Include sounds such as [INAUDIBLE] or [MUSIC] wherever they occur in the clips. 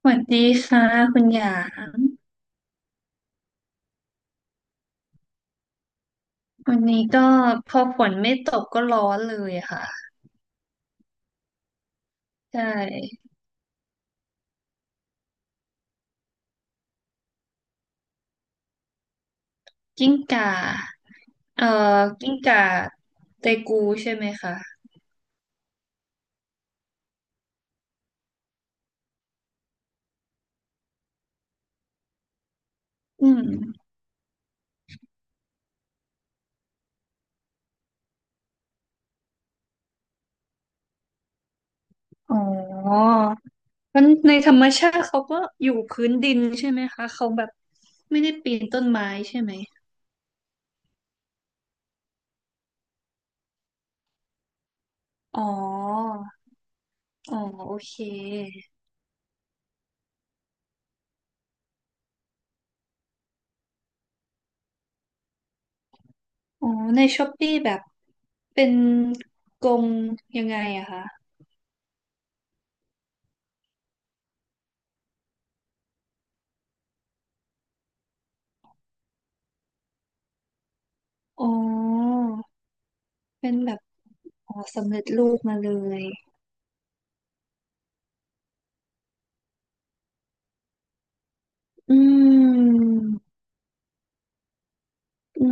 สวัสดีค่ะคุณหยางวันนี้ก็พอฝนไม่ตกก็ร้อนเลยอะค่ะใช่กิ้งก่าเอ่อกิ้งก่าเตกูใช่ไหมคะอืมอ๋อมันในธรรมชาติเขาก็อยู่พื้นดินใช่ไหมคะเขาแบบไม่ได้ปีนต้นไม้ใช่ไหมอ๋ออ๋อโอเคอ๋อในช้อปปี้แบบเป็นกรงยังไงอะคะอ๋อ เป็นแบบอ๋อสำเร็จรูปมาเลย อืมอื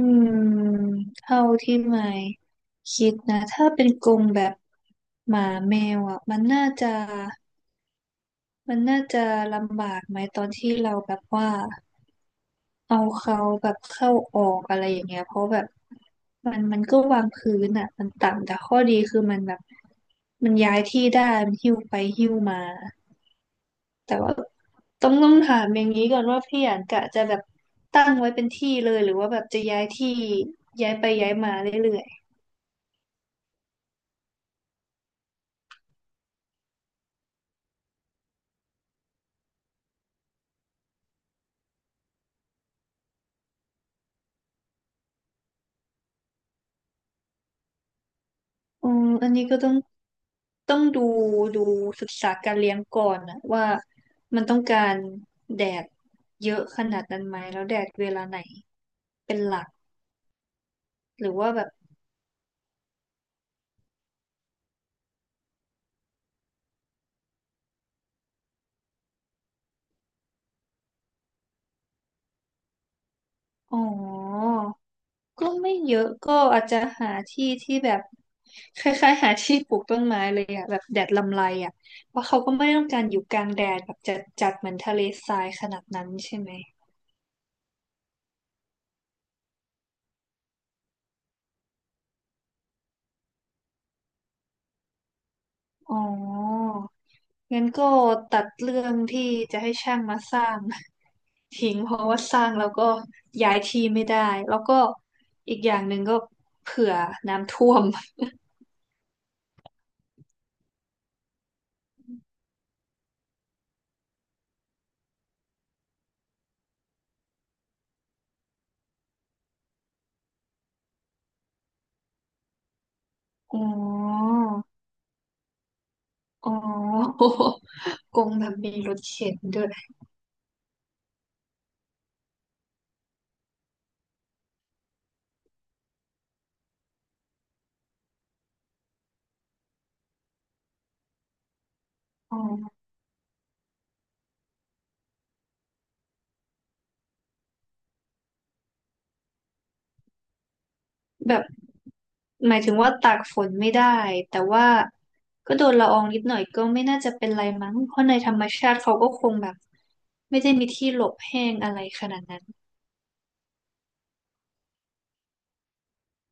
มเท่าที่ไม่คิดนะถ้าเป็นกรงแบบหมาแมวอ่ะมันน่าจะมันน่าจะลำบากไหมตอนที่เราแบบว่าเอาเขาแบบเข้าออกอะไรอย่างเงี้ยเพราะแบบมันก็วางพื้นอ่ะมันต่ำแต่ข้อดีคือมันแบบมันย้ายที่ได้มันหิ้วไปหิ้วมา แต่ว่าต้องถามอย่างนี้ก่อนว่าพี่อยากกะจะแบบตั้งไว้เป็นที่เลยหรือว่าแบบจะย้ายที่ย้ายไปย้ายมาเรื่อยๆอืมอันนี้ก็ต้องต้องดูศึกษาการเลี้ยงก่อนนะว่ามันต้องการแดดเยอะขนาดนั้นไหมแล้วแดดเวลาไหนเป็นหลักหรือว่าแบบอ๋อ ก็ไม่เยอะก็อาจจะหาที่ที่แบบคล้ายๆหาที่ปลูกต้นไม้เลยอะแบบแดดลำไรอะเพราะเขาก็ไม่ได้ต้องการอยู่กลางแดดแบบจัดจัดเหมือนทะเลทรายขนาดนั้นใช่ไหมอ๋องั้นก็ตัดเรื่องที่จะให้ช่างมาสร้าง [LAUGHS] ทิ้งเพราะว่าสร้างแล้วก็ย้ายที่ไม่ได้แล้วก็อีกอย่างหนึ่งก็เผื่อน้ำท่วม [LAUGHS] อ๋ออ๋อ [LAUGHS] กงแบบมีรถเข็นด้วยอ๋อแบบ หมายถึงว่าตากฝนไม่ได้แต่ว่าก็โดนละอองนิดหน่อยก็ไม่น่าจะเป็นไรมั้งเพราะในธรรมชาติเขาก็คงแบบไม่ได้มีที่หลบแห้งอะไรขนาดนั้น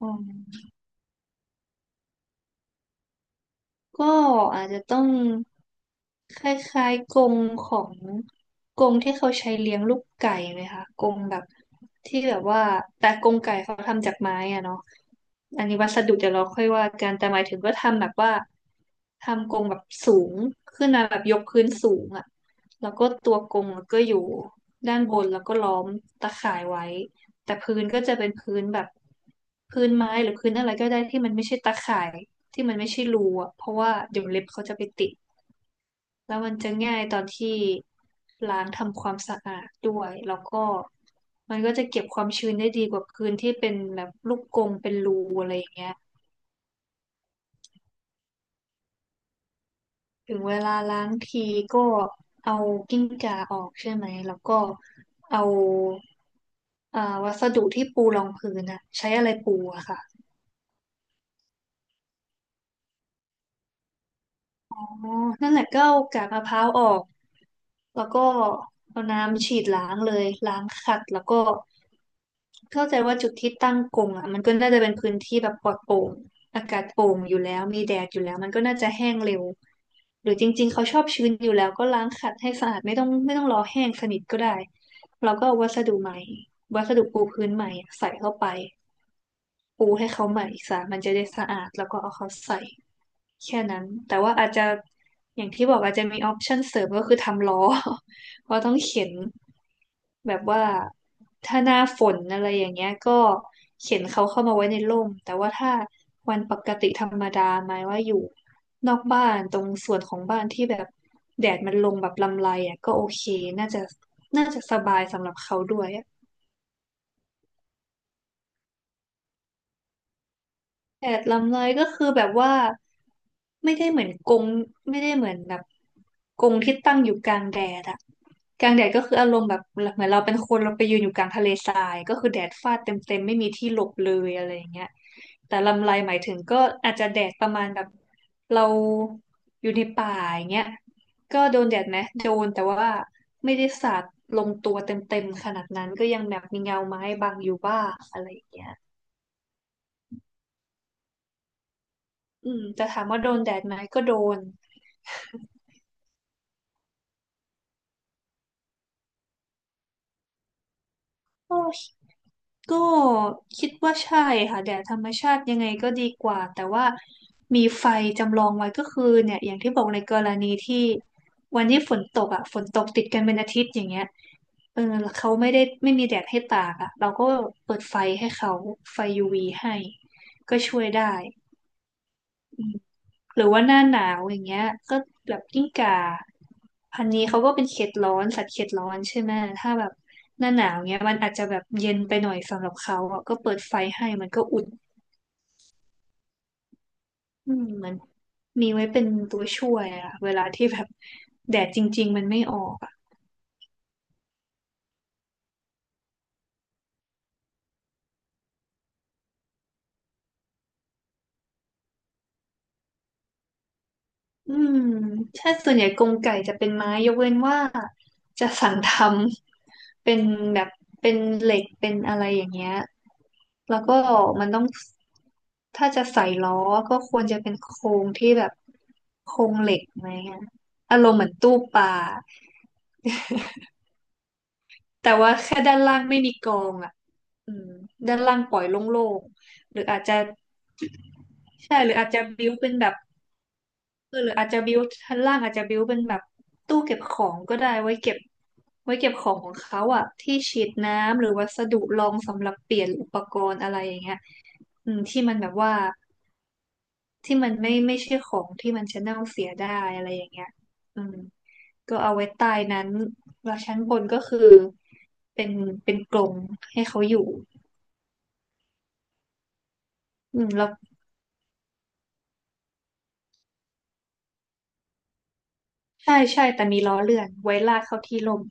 อืม ก็อาจจะต้องคล้ายๆกรงของกรงที่เขาใช้เลี้ยงลูกไก่ไหมคะกรงแบบที่แบบว่าแต่กรงไก่เขาทำจากไม้อะเนาะอันนี้วัสดุเดี๋ยวเราค่อยว่ากันแต่หมายถึงก็ทำแบบว่าทำกรงแบบสูงขึ้นมาแบบยกพื้นสูงอะแล้วก็ตัวกรงก็อยู่ด้านบนแล้วก็ล้อมตะข่ายไว้แต่พื้นก็จะเป็นพื้นแบบพื้นไม้หรือพื้นอะไรก็ได้ที่มันไม่ใช่ตะข่าย ที่มันไม่ใช่รูอะเพราะว่าเดี๋ยวเล็บเขาจะไปติดแล้วมันจะง่ายตอนที่ล้างทำความสะอาดด้วย แล้วก็มันก็จะเก็บความชื้นได้ดีกว่าพื้นที่เป็นแบบลูกกรงเป็นรูอะไรอย่างเงี้ยถึงเวลาล้างทีก็เอากิ้งก่าออกใช่ไหม แล้วก็เอาอ่าวัสดุที่ปูรองพื้นอะใช้อะไรปูอะค่ะอ๋อนั่นแหละก็เอากากมะพร้าวออกแล้วก็เอาน้ำฉีดล้างเลยล้างขัดแล้วก็ เข้าใจว่าจุดที่ตั้งกรงอ่ะมันก็น่าจะเป็นพื้นที่แบบปลอดโปร่งอากาศโปร่งอยู่แล้วมีแดดอยู่แล้วมันก็น่าจะแห้งเร็วหรือจริงๆเขาชอบชื้นอยู่แล้วก็ล้างขัดให้สะอาดไม่ต้องรอแห้งสนิทก็ได้เราก็เอาวัสดุใหม่วัสดุปูพื้นใหม่ใส่เข้าไปปูให้เขาใหม่ซะมันจะได้สะอาดแล้วก็เอาเขาใส่ แค่นั้นแต่ว่าอาจจะอย่างที่บอกอาจจะมีออปชันเสริมก็คือทำล้อ [LAUGHS] เพราะต้องเข็นแบบว่าถ้าหน้าฝนอะไรอย่างเงี้ยก็เข็นเขาเข้ามาไว้ในร่มแต่ว่าถ้าวันปกติธรรมดาหมายว่าอยู่นอกบ้านตรงส่วนของบ้านที่แบบแดดมันลงแบบลำไรอ่ะก็โอเคน่าจะน่าจะสบายสำหรับเขาด้วย แผดลำเลยก็คือแบบว่าไม่ได้เหมือนกรงไม่ได้เหมือนแบบกรงที่ตั้งอยู่กลางแดดอะกลางแดดก็คืออารมณ์แบบเหมือนเราเป็นคนเราไปยืนอยู่กลางทะเลทรายก็คือแดดฟาดเต็มๆไม่มีที่หลบเลยอะไรอย่างเงี้ยแต่ลำไรหมายถึงก็อาจจะแดดประมาณแบบเราอยู่ในป่าอย่างเงี้ยก็โดนแดดไหมโดนแต่ว่าไม่ได้สาดลงตัวเต็มๆขนาดนั้นก็ยังแบบมีเงาไม้บังอยู่บ้างอะไรอย่างเงี้ย อืมแต่ถามว่าโดนแดดไหมก็โดนก็ก็คิดว่าใช่ค่ะแดดธรรมชาติยังไงก็ดีกว่าแต่ว่ามีไฟจำลองไว้ก็คือเนี่ยอย่างที่บอกในกรณีที่วันที่ฝนตกอ่ะฝนตกติดกันเป็นอาทิตย์อย่างเงี้ยเออเขาไม่ได้ไม่มีแดดให้ตากอ่ะเราก็เปิดไฟให้เขาไฟ UV ให้ก็ช่วยได้ หรือว่าหน้าหนาวอย่างเงี้ยก็แบบกิ้งก่าพันนี้เขาก็เป็นเขตร้อนสัตว์เขตร้อนใช่ไหมถ้าแบบหน้าหนาวเงี้ยมันอาจจะแบบเย็นไปหน่อยสำหรับเขาอ่ะก็เปิดไฟให้มันก็อุ่นอืมมันมีไว้เป็นตัวช่วยอะเวลาที่แบบแดดจริงๆมันไม่ออก อืมใช่ส่วนใหญ่กรงไก่จะเป็นไม้ยกเว้นว่าจะสั่งทำเป็นแบบเป็นเหล็กเป็นอะไรอย่างเงี้ยแล้วก็มันต้องถ้าจะใส่ล้อก็ควรจะเป็นโครงที่แบบโครงเหล็กไหมอะอารมณ์เหมือนตู้ปลาแต่ว่าแค่ด้านล่างไม่มีกองอ่ะอืมด้านล่างปล่อยโล่งๆหรืออาจจะใช่หรืออาจจะบิ้วเป็นแบบ เออหรืออาจจะบิวชั้นล่างอาจจะบิวเป็นแบบตู้เก็บของก็ได้ไว้เก็บไว้เก็บของของเขาอะที่ฉีดน้ำหรือวัสดุรองสำหรับเปลี่ยนอุปกรณ์อะไรอย่างเงี้ยอืมที่มันแบบว่าที่มันไม่ใช่ของที่มันจะเน่าเสียได้อะไรอย่างเงี้ยอืมก็เอาไว้ใต้นั้นแล้วชั้นบนก็คือเป็นเป็นกรงให้เขาอยู่อืมแล้วใช่ใช่แต่มีล้อเลื่อนไว้ลากเข้าที่ร่ม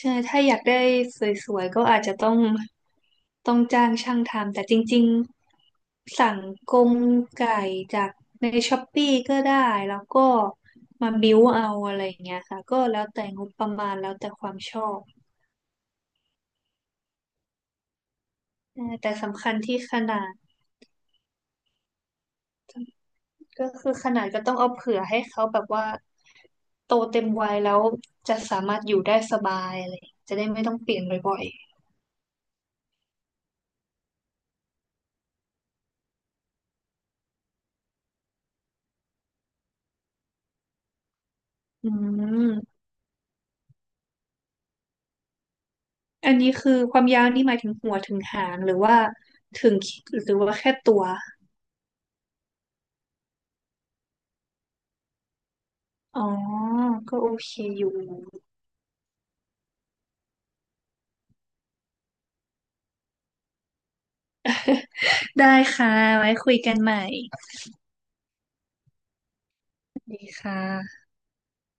ใช่ถ้าอยากได้สวยๆก็อาจจะต้องจ้างช่างทำแต่จริงๆสั่งกรงไก่จากในช้อปปี้ก็ได้แล้วก็มาบิ้วเอาอะไรอย่างเงี้ยค่ะก็แล้วแต่งบประมาณแล้วแต่ความชอบเออแต่สำคัญที่ขนาดก็คือขนาดก็ต้องเอาเผื่อให้เขาแบบว่าโตเต็มวัยแล้วจะสามารถอยู่ได้สบายอะไรอย่างเงี้ยจะได้ไม่ต้องเปลี่ยนบ่อยๆอืม อันนี้คือความยาวนี่หมายถึงหัวถึงหางหรือว่าถึงหรือว่าแค่ตัว อ๋อ ก็โอเคอยู่ [LAUGHS] ได้ค่ะ ไว้คุยกันใหม่ดีค่ะ